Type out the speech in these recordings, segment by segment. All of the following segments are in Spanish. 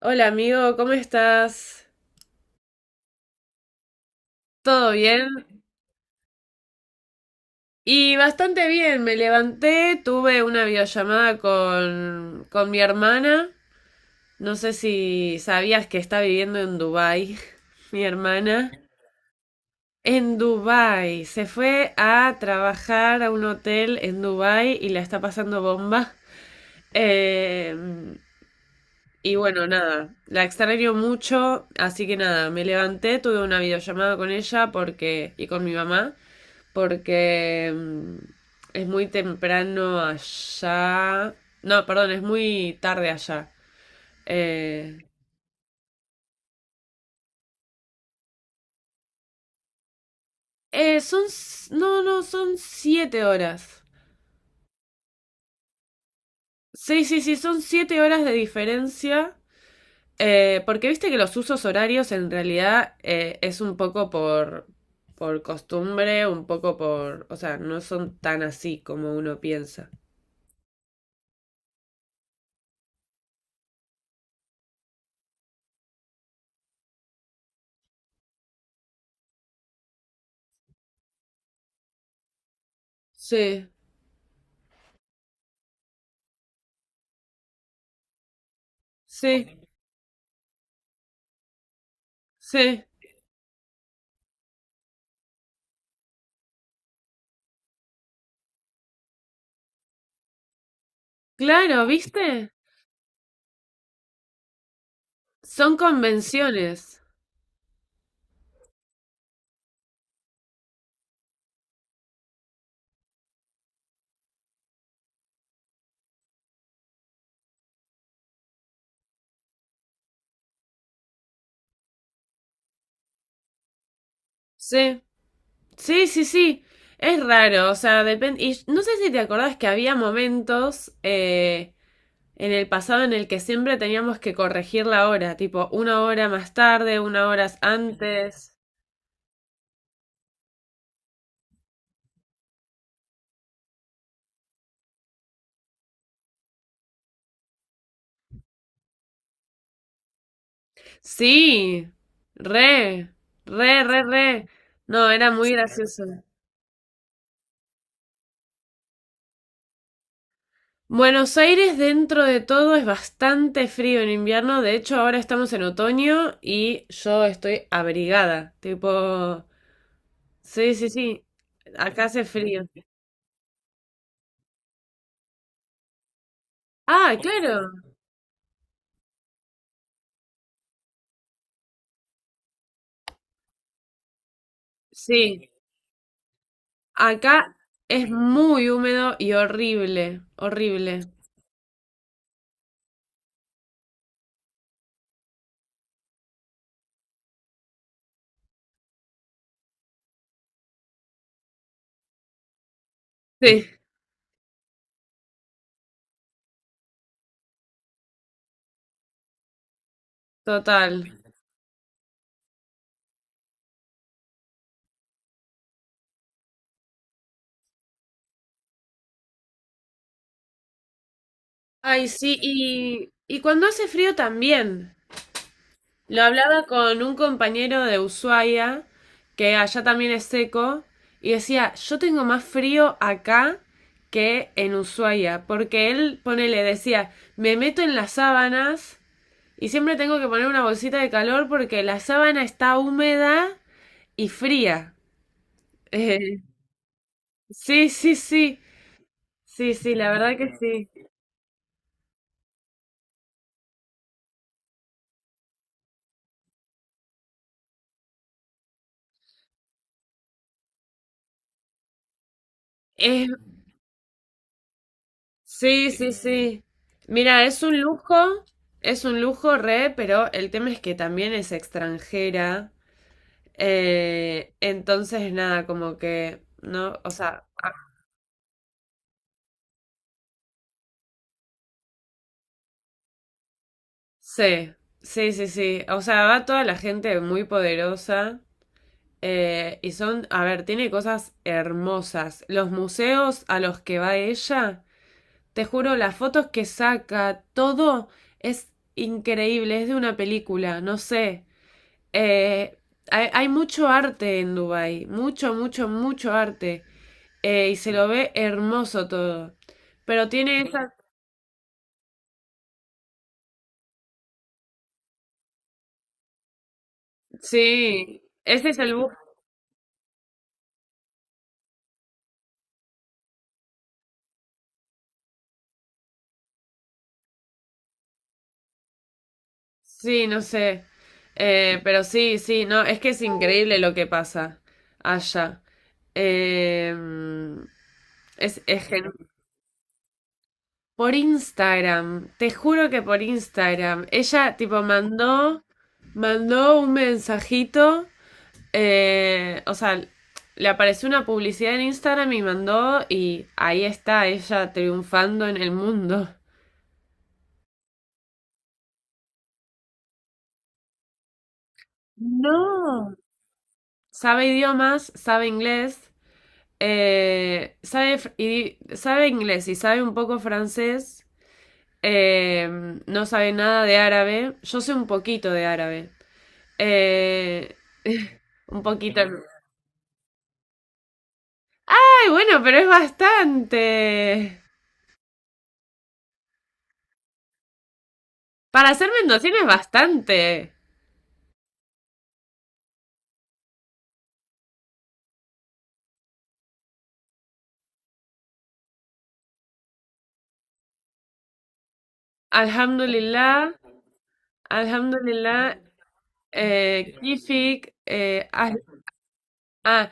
Hola amigo, ¿cómo estás? ¿Todo bien? Bastante bien, me levanté, tuve una videollamada con mi hermana. No sé si sabías que está viviendo en Dubái, mi hermana. En Dubái, se fue a trabajar a un hotel en Dubái y la está pasando bomba. Eh, bueno, nada, la extraño mucho, así que nada, me levanté, tuve una videollamada con ella porque, y con mi mamá. Porque es muy temprano allá. No, perdón, es muy tarde allá. Eh, Son... No, no, son 7 horas. Sí, sí, sí, son 7 horas de diferencia. Porque viste que los usos horarios en realidad, es un poco por costumbre, un poco por... O sea, no son tan así como uno piensa. Sí, sí, sí. Claro, ¿viste? Son convenciones. Sí, sí, sí, sí. Es raro, o sea, depende. Y no sé si te acordás que había momentos, en el pasado en el que siempre teníamos que corregir la hora, tipo una hora más tarde, una hora antes. Sí, re, re. No, era muy gracioso. Buenos Aires dentro de todo es bastante frío en invierno, de hecho ahora estamos en otoño y yo estoy abrigada, tipo... Sí, sí, sí. Acá hace frío. Ah, claro. Sí. Acá es muy húmedo y horrible. Horrible. Sí, total. Ay, sí. Y cuando hace frío también. Lo hablaba con un compañero de Ushuaia, que allá también es seco, y decía, yo tengo más frío acá que en Ushuaia, porque él, ponele, decía, me meto en las sábanas. Y siempre tengo que poner una bolsita de calor porque la sábana está húmeda y fría. Eh, sí, sí, sí. Sí, sí, la verdad que sí. Es, sí, sí, sí. Mira, es un lujo re, pero el tema es que también es extranjera. Entonces, nada, como que, no, o sea, ah, sí, sí, sí, sí. O sea, va toda la gente muy poderosa. Y son, a ver, tiene cosas hermosas. Los museos a los que va ella, te juro, las fotos que saca, todo es increíble, es de una película, no sé. Eh, hay mucho arte en Dubái, mucho, mucho, mucho arte. Y se lo ve hermoso todo. Pero tiene esa... Sí, ese es el. Sí, no sé. Pero sí, sí, no, es que es increíble lo que pasa allá. Eh, es, es gen- por Instagram, te juro que por Instagram. Ella tipo mandó un mensajito, o sea, le apareció una publicidad en Instagram y mandó y ahí está ella triunfando en el mundo. No. Sabe idiomas, sabe inglés. Sabe inglés y sabe un poco francés. Eh, no sabe nada de árabe. Yo sé un poquito de árabe. Eh, un poquito. Ay, bueno, pero es bastante. Para ser mendocino es bastante. Alhamdulillah. Alhamdulillah. Kifik. Ah,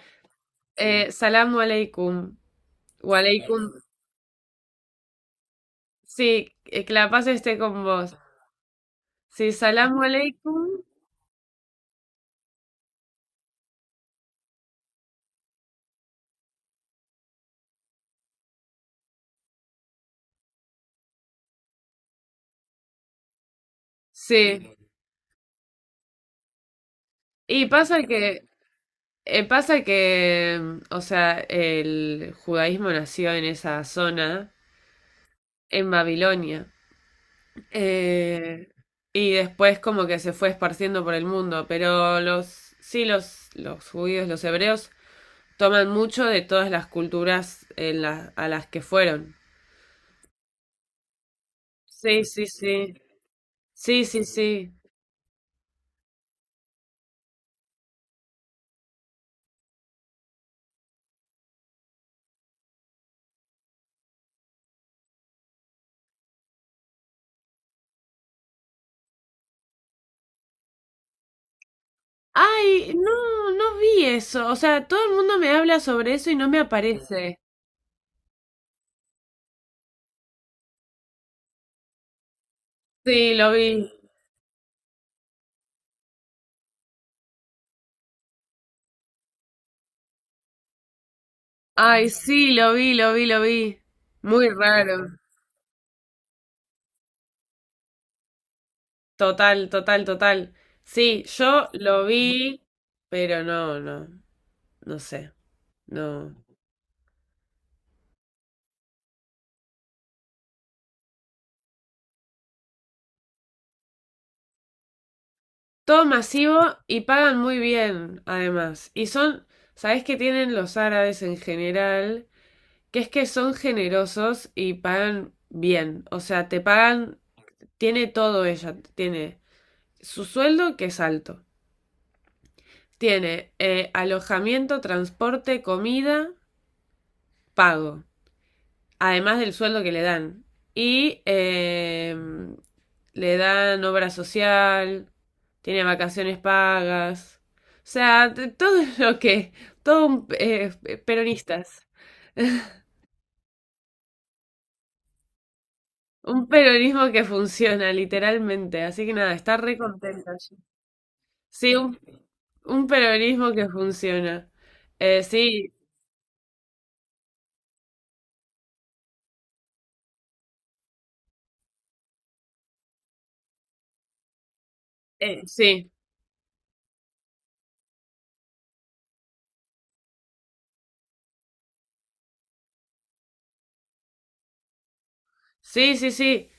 Salamu alaikum. Wa alaikum. Sí, que la paz esté con vos. Sí, salamu alaikum. Sí, y pasa que, o sea, el judaísmo nació en esa zona, en Babilonia, eh, y después como que se fue esparciendo por el mundo, pero los, sí, los judíos, los hebreos, toman mucho de todas las culturas en a las que fueron. Sí, sí, sí, sí, sí, sí. Ay, no, no vi eso, o sea, todo el mundo me habla sobre eso y no me aparece. Sí, lo vi. Ay, sí, lo vi, lo vi, lo vi. Muy raro. Total, total, total. Sí, yo lo vi, pero no, no, no sé, no. Todo masivo y pagan muy bien, además. Y son, ¿sabés qué tienen los árabes en general? Que es que son generosos y pagan bien. O sea, te pagan, tiene todo ella. Tiene su sueldo, que es alto. Tiene alojamiento, transporte, comida, pago. Además del sueldo que le dan. Y le dan obra social, tiene vacaciones pagas. O sea, todo lo que, todo un, peronistas. Un peronismo que funciona, literalmente. Así que nada, está re contenta. Sí, un peronismo que funciona. Eh, sí, sí, sí, sí, sí.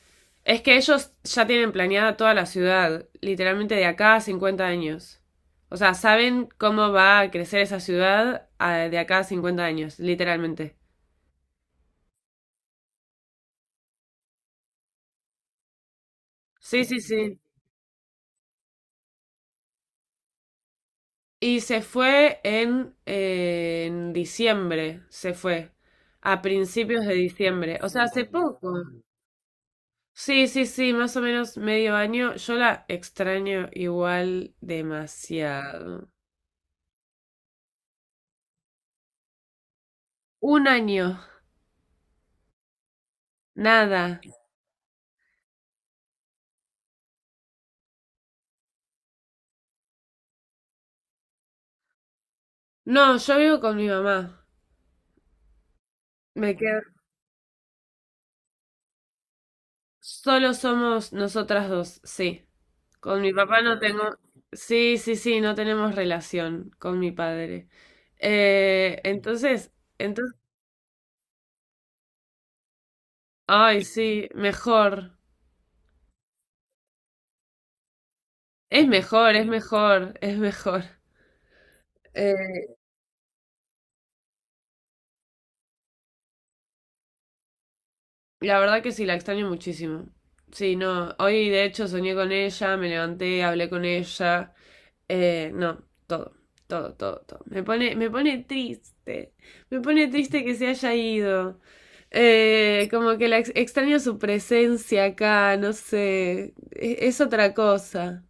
Es que ellos ya tienen planeada toda la ciudad, literalmente de acá a 50 años. O sea, saben cómo va a crecer esa ciudad, de acá a cincuenta años, literalmente. Sí, sí, sí. Y se fue en diciembre, se fue. A principios de diciembre. O sea, hace poco. Sí, sí, sí, más o menos medio año. Yo la extraño igual demasiado. Un año, nada. No, yo vivo con mi mamá. Me quedo. Solo somos nosotras dos, sí. Con mi papá no tengo... Sí, sí, sí, no tenemos relación con mi padre. Eh, entonces, entonces... Ay, sí, mejor. Es mejor, es mejor, es mejor. Eh, la verdad que sí, la extraño muchísimo. Sí, no. Hoy de hecho soñé con ella, me levanté, hablé con ella. No, todo, todo, todo, todo. Me pone triste. Me pone triste que se haya ido. Como que la extraño su presencia acá, no sé, es, otra cosa.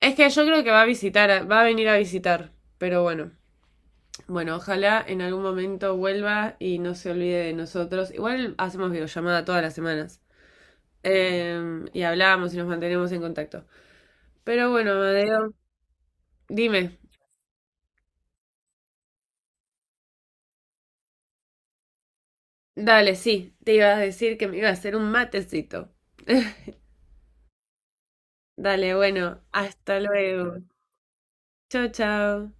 Es que yo creo que va a visitar, va a venir a visitar, pero bueno, bueno, ojalá en algún momento vuelva y no se olvide de nosotros. Igual hacemos videollamada todas las semanas. Y hablamos y nos mantenemos en contacto. Pero bueno, Amadeo, dime, dale, sí, te iba a decir que me iba a hacer un matecito. Dale, bueno, hasta luego. Chao, chao.